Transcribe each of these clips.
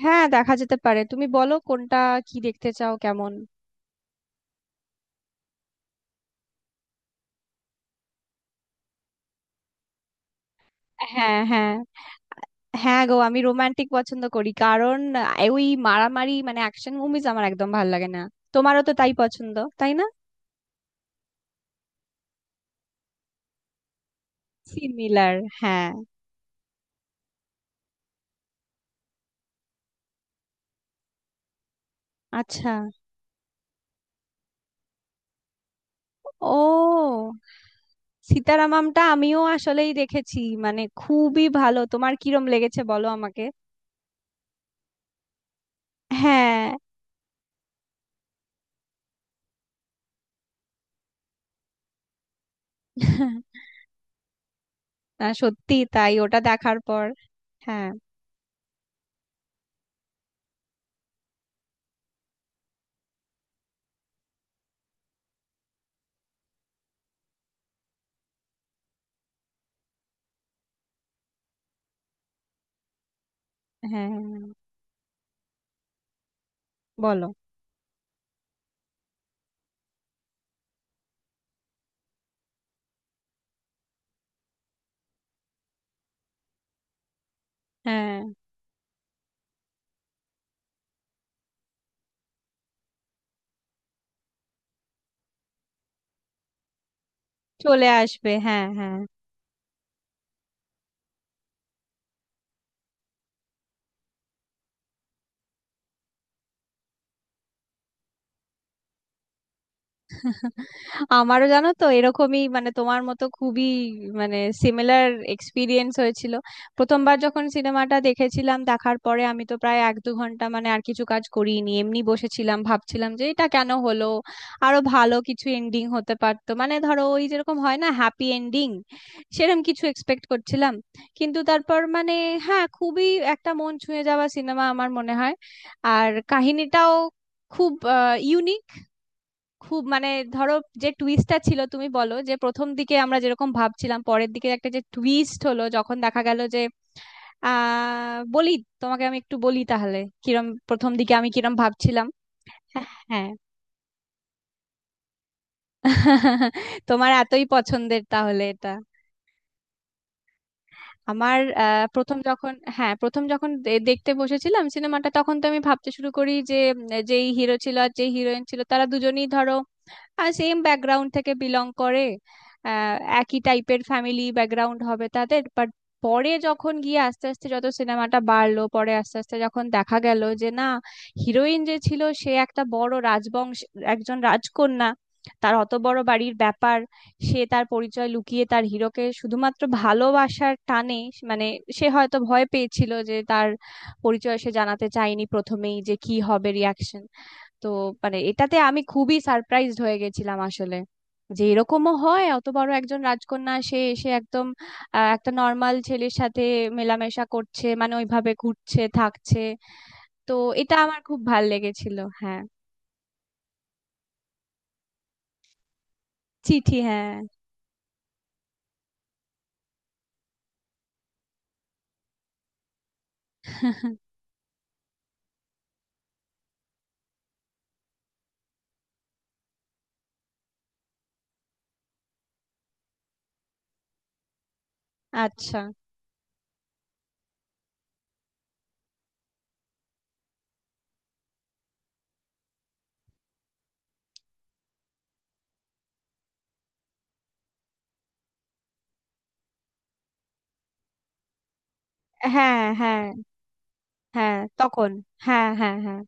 হ্যাঁ, দেখা যেতে পারে। তুমি বলো কোনটা কি দেখতে চাও কেমন। হ্যাঁ, হ্যাঁ। হ্যাঁ গো, আমি রোমান্টিক পছন্দ করি কারণ ওই মারামারি মানে অ্যাকশন মুভিজ আমার একদম ভালো লাগে না। তোমারও তো তাই পছন্দ, তাই না? সিমিলার। হ্যাঁ। আচ্ছা। ও, সীতারামামটা আমিও আসলেই দেখেছি, মানে খুবই ভালো। তোমার কিরম লেগেছে বলো আমাকে। হ্যাঁ। না, সত্যি তাই, ওটা দেখার পর। হ্যাঁ, হ্যাঁ। বলো। হ্যাঁ। চলে আসবে, হ্যাঁ হ্যাঁ। আমারও জানো তো এরকমই, মানে তোমার মতো খুবই মানে সিমিলার এক্সপিরিয়েন্স হয়েছিল। প্রথমবার যখন সিনেমাটা দেখেছিলাম, দেখার পরে আমি তো প্রায় এক দু ঘন্টা মানে আর কিছু কাজ করিনি, এমনি বসেছিলাম ভাবছিলাম যে এটা কেন হলো। আরো ভালো কিছু এন্ডিং হতে পারতো, মানে ধরো ওই যেরকম হয় না হ্যাপি এন্ডিং, সেরকম কিছু এক্সপেক্ট করছিলাম। কিন্তু তারপর মানে হ্যাঁ, খুবই একটা মন ছুঁয়ে যাওয়া সিনেমা আমার মনে হয়। আর কাহিনীটাও খুব ইউনিক, খুব মানে ধরো, যে টুইস্টটা ছিল, তুমি বলো যে প্রথম দিকে আমরা যেরকম ভাবছিলাম পরের দিকে একটা যে টুইস্ট হলো যখন দেখা গেল যে আহ বলি, তোমাকে আমি একটু বলি তাহলে কিরম প্রথম দিকে আমি কিরম ভাবছিলাম। হ্যাঁ। তোমার এতই পছন্দের তাহলে এটা। আমার প্রথম যখন, হ্যাঁ, প্রথম যখন দেখতে বসেছিলাম সিনেমাটা, তখন তো আমি ভাবতে শুরু করি যে যেই হিরো ছিল আর যেই হিরোইন ছিল তারা দুজনেই ধরো সেম ব্যাকগ্রাউন্ড থেকে বিলং করে, আহ, একই টাইপের ফ্যামিলি ব্যাকগ্রাউন্ড হবে তাদের। বাট পরে যখন গিয়ে আস্তে আস্তে যত সিনেমাটা বাড়লো, পরে আস্তে আস্তে যখন দেখা গেল যে না, হিরোইন যে ছিল সে একটা বড় রাজবংশ, একজন রাজকন্যা, তার অত বড় বাড়ির ব্যাপার। সে তার পরিচয় লুকিয়ে তার হিরোকে শুধুমাত্র ভালোবাসার টানে মানে সে হয়তো ভয় পেয়েছিল যে তার পরিচয় সে জানাতে চায়নি প্রথমেই, যে কি হবে রিয়াকশন। তো মানে এটাতে আমি খুবই সারপ্রাইজড হয়ে গেছিলাম আসলে, যে এরকমও হয় অত বড় একজন রাজকন্যা সে এসে একদম একটা নর্মাল ছেলের সাথে মেলামেশা করছে, মানে ওইভাবে ঘুরছে থাকছে। তো এটা আমার খুব ভাল লেগেছিল, হ্যাঁ। চিঠি, হ্যাঁ। আচ্ছা। হ্যাঁ হ্যাঁ হ্যাঁ। তখন হ্যাঁ হ্যাঁ হ্যাঁ।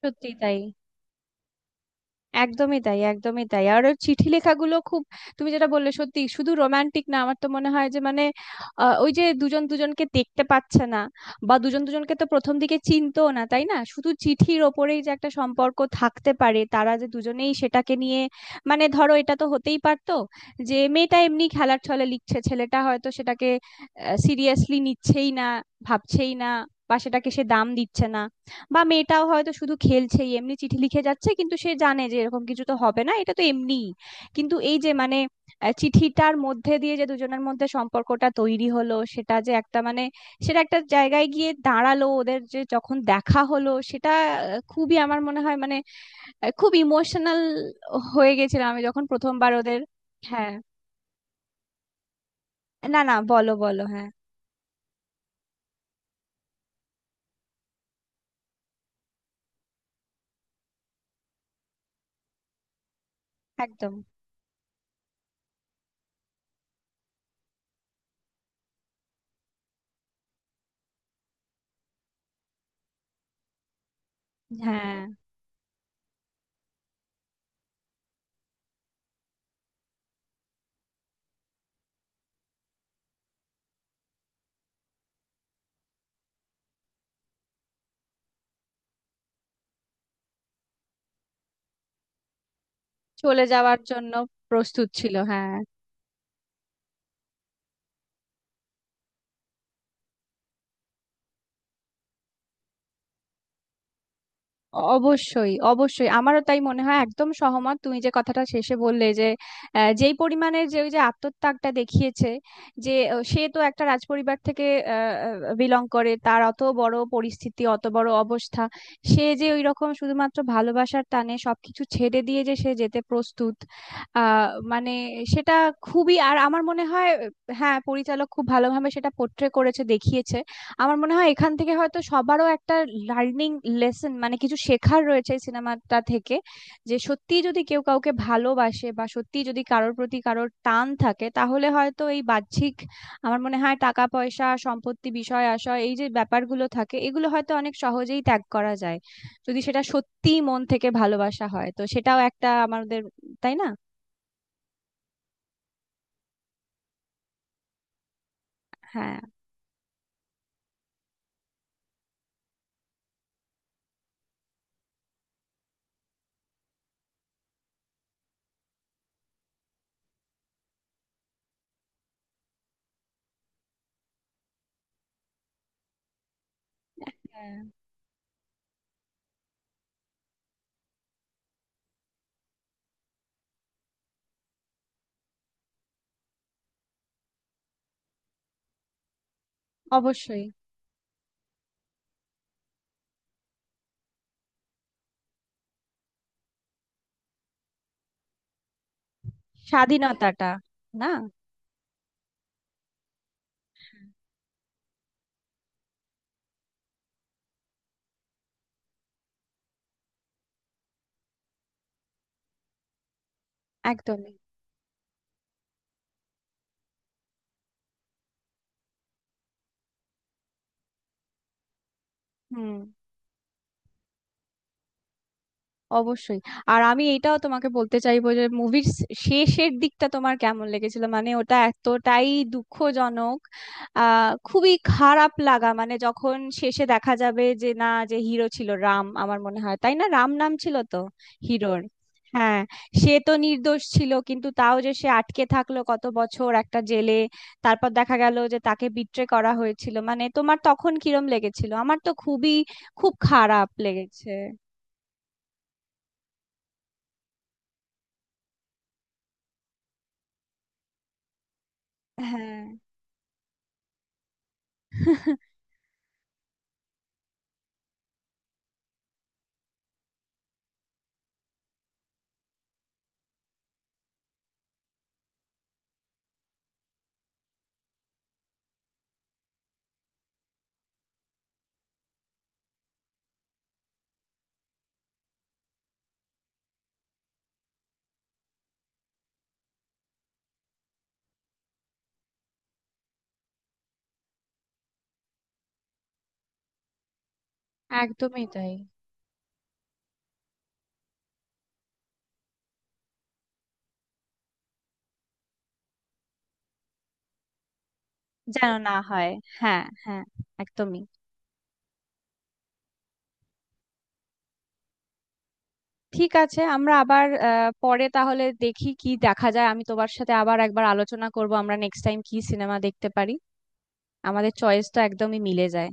সত্যি তাই। একদমই তাই, একদমই তাই। আর ওর চিঠি লেখাগুলো খুব, তুমি যেটা বললে সত্যি শুধু রোমান্টিক না। আমার তো মনে হয় যে মানে ওই যে দুজন দুজনকে দেখতে পাচ্ছে না বা দুজন দুজনকে তো প্রথম দিকে চিনতো না তাই না, শুধু চিঠির ওপরেই যে একটা সম্পর্ক থাকতে পারে তারা যে দুজনেই সেটাকে নিয়ে মানে ধরো এটা তো হতেই পারতো যে মেয়েটা এমনি খেলার ছলে লিখছে ছেলেটা হয়তো সেটাকে সিরিয়াসলি নিচ্ছেই না, ভাবছেই না, বা সেটাকে সে দাম দিচ্ছে না, বা মেয়েটাও হয়তো শুধু খেলছেই এমনি চিঠি লিখে যাচ্ছে কিন্তু সে জানে যে এরকম কিছু তো হবে না, এটা তো এমনিই। কিন্তু এই যে মানে চিঠিটার মধ্যে দিয়ে যে দুজনের মধ্যে সম্পর্কটা তৈরি হলো সেটা যে একটা মানে সেটা একটা জায়গায় গিয়ে দাঁড়ালো ওদের যে যখন দেখা হলো সেটা খুবই আমার মনে হয় মানে খুব ইমোশনাল হয়ে গেছিলাম আমি যখন প্রথমবার ওদের। হ্যাঁ। না না, বলো বলো, হ্যাঁ। একদম। হ্যাঁ, চলে যাওয়ার জন্য প্রস্তুত ছিল, হ্যাঁ। অবশ্যই অবশ্যই, আমারও তাই মনে হয়, একদম সহমত। তুমি যে কথাটা শেষে বললে যে যেই পরিমাণে যে ওই যে আত্মত্যাগটা দেখিয়েছে, যে সে তো একটা রাজপরিবার থেকে বিলং করে, তার অত বড় পরিস্থিতি অত বড় অবস্থা, সে যে ওই রকম শুধুমাত্র ভালোবাসার টানে সবকিছু ছেড়ে দিয়ে যে সে যেতে প্রস্তুত। আহ মানে সেটা খুবই। আর আমার মনে হয় হ্যাঁ, পরিচালক খুব ভালোভাবে সেটা পোট্রে করেছে দেখিয়েছে। আমার মনে হয় এখান থেকে হয়তো সবারও একটা লার্নিং লেসন মানে কিছু শেখার রয়েছে এই সিনেমাটা থেকে। যে সত্যি যদি কেউ কাউকে ভালোবাসে বা সত্যি যদি কারোর প্রতি কারোর টান থাকে তাহলে হয়তো এই বাহ্যিক আমার মনে হয় টাকা পয়সা সম্পত্তি বিষয় আশয় এই যে ব্যাপারগুলো থাকে এগুলো হয়তো অনেক সহজেই ত্যাগ করা যায় যদি সেটা সত্যি মন থেকে ভালোবাসা হয় তো সেটাও একটা আমাদের, তাই না? হ্যাঁ, হ্যাঁ। অবশ্যই। স্বাধীনতাটা। না। একদমই। হুম। অবশ্যই। আর আমি এটাও তোমাকে বলতে চাইবো যে মুভির শেষের দিকটা তোমার কেমন লেগেছিল, মানে ওটা এতটাই দুঃখজনক আহ খুবই খারাপ লাগা, মানে যখন শেষে দেখা যাবে যে না, যে হিরো ছিল রাম, আমার মনে হয় তাই না, রাম নাম ছিল তো হিরোর, হ্যাঁ। সে তো নির্দোষ ছিল কিন্তু তাও যে সে আটকে থাকলো কত বছর একটা জেলে, তারপর দেখা গেল যে তাকে বিট্রে করা হয়েছিল, মানে তোমার তখন কিরম লেগেছিল আমার তো খুবই, খুব খারাপ লেগেছে। হ্যাঁ। একদমই তাই, যেন না হয়। হ্যাঁ হ্যাঁ, একদমই। ঠিক আছে, আমরা আবার পরে তাহলে দেখি কি দেখা যায়, আমি তোমার সাথে আবার একবার আলোচনা করব আমরা নেক্সট টাইম কি সিনেমা দেখতে পারি। আমাদের চয়েস তো একদমই মিলে যায়।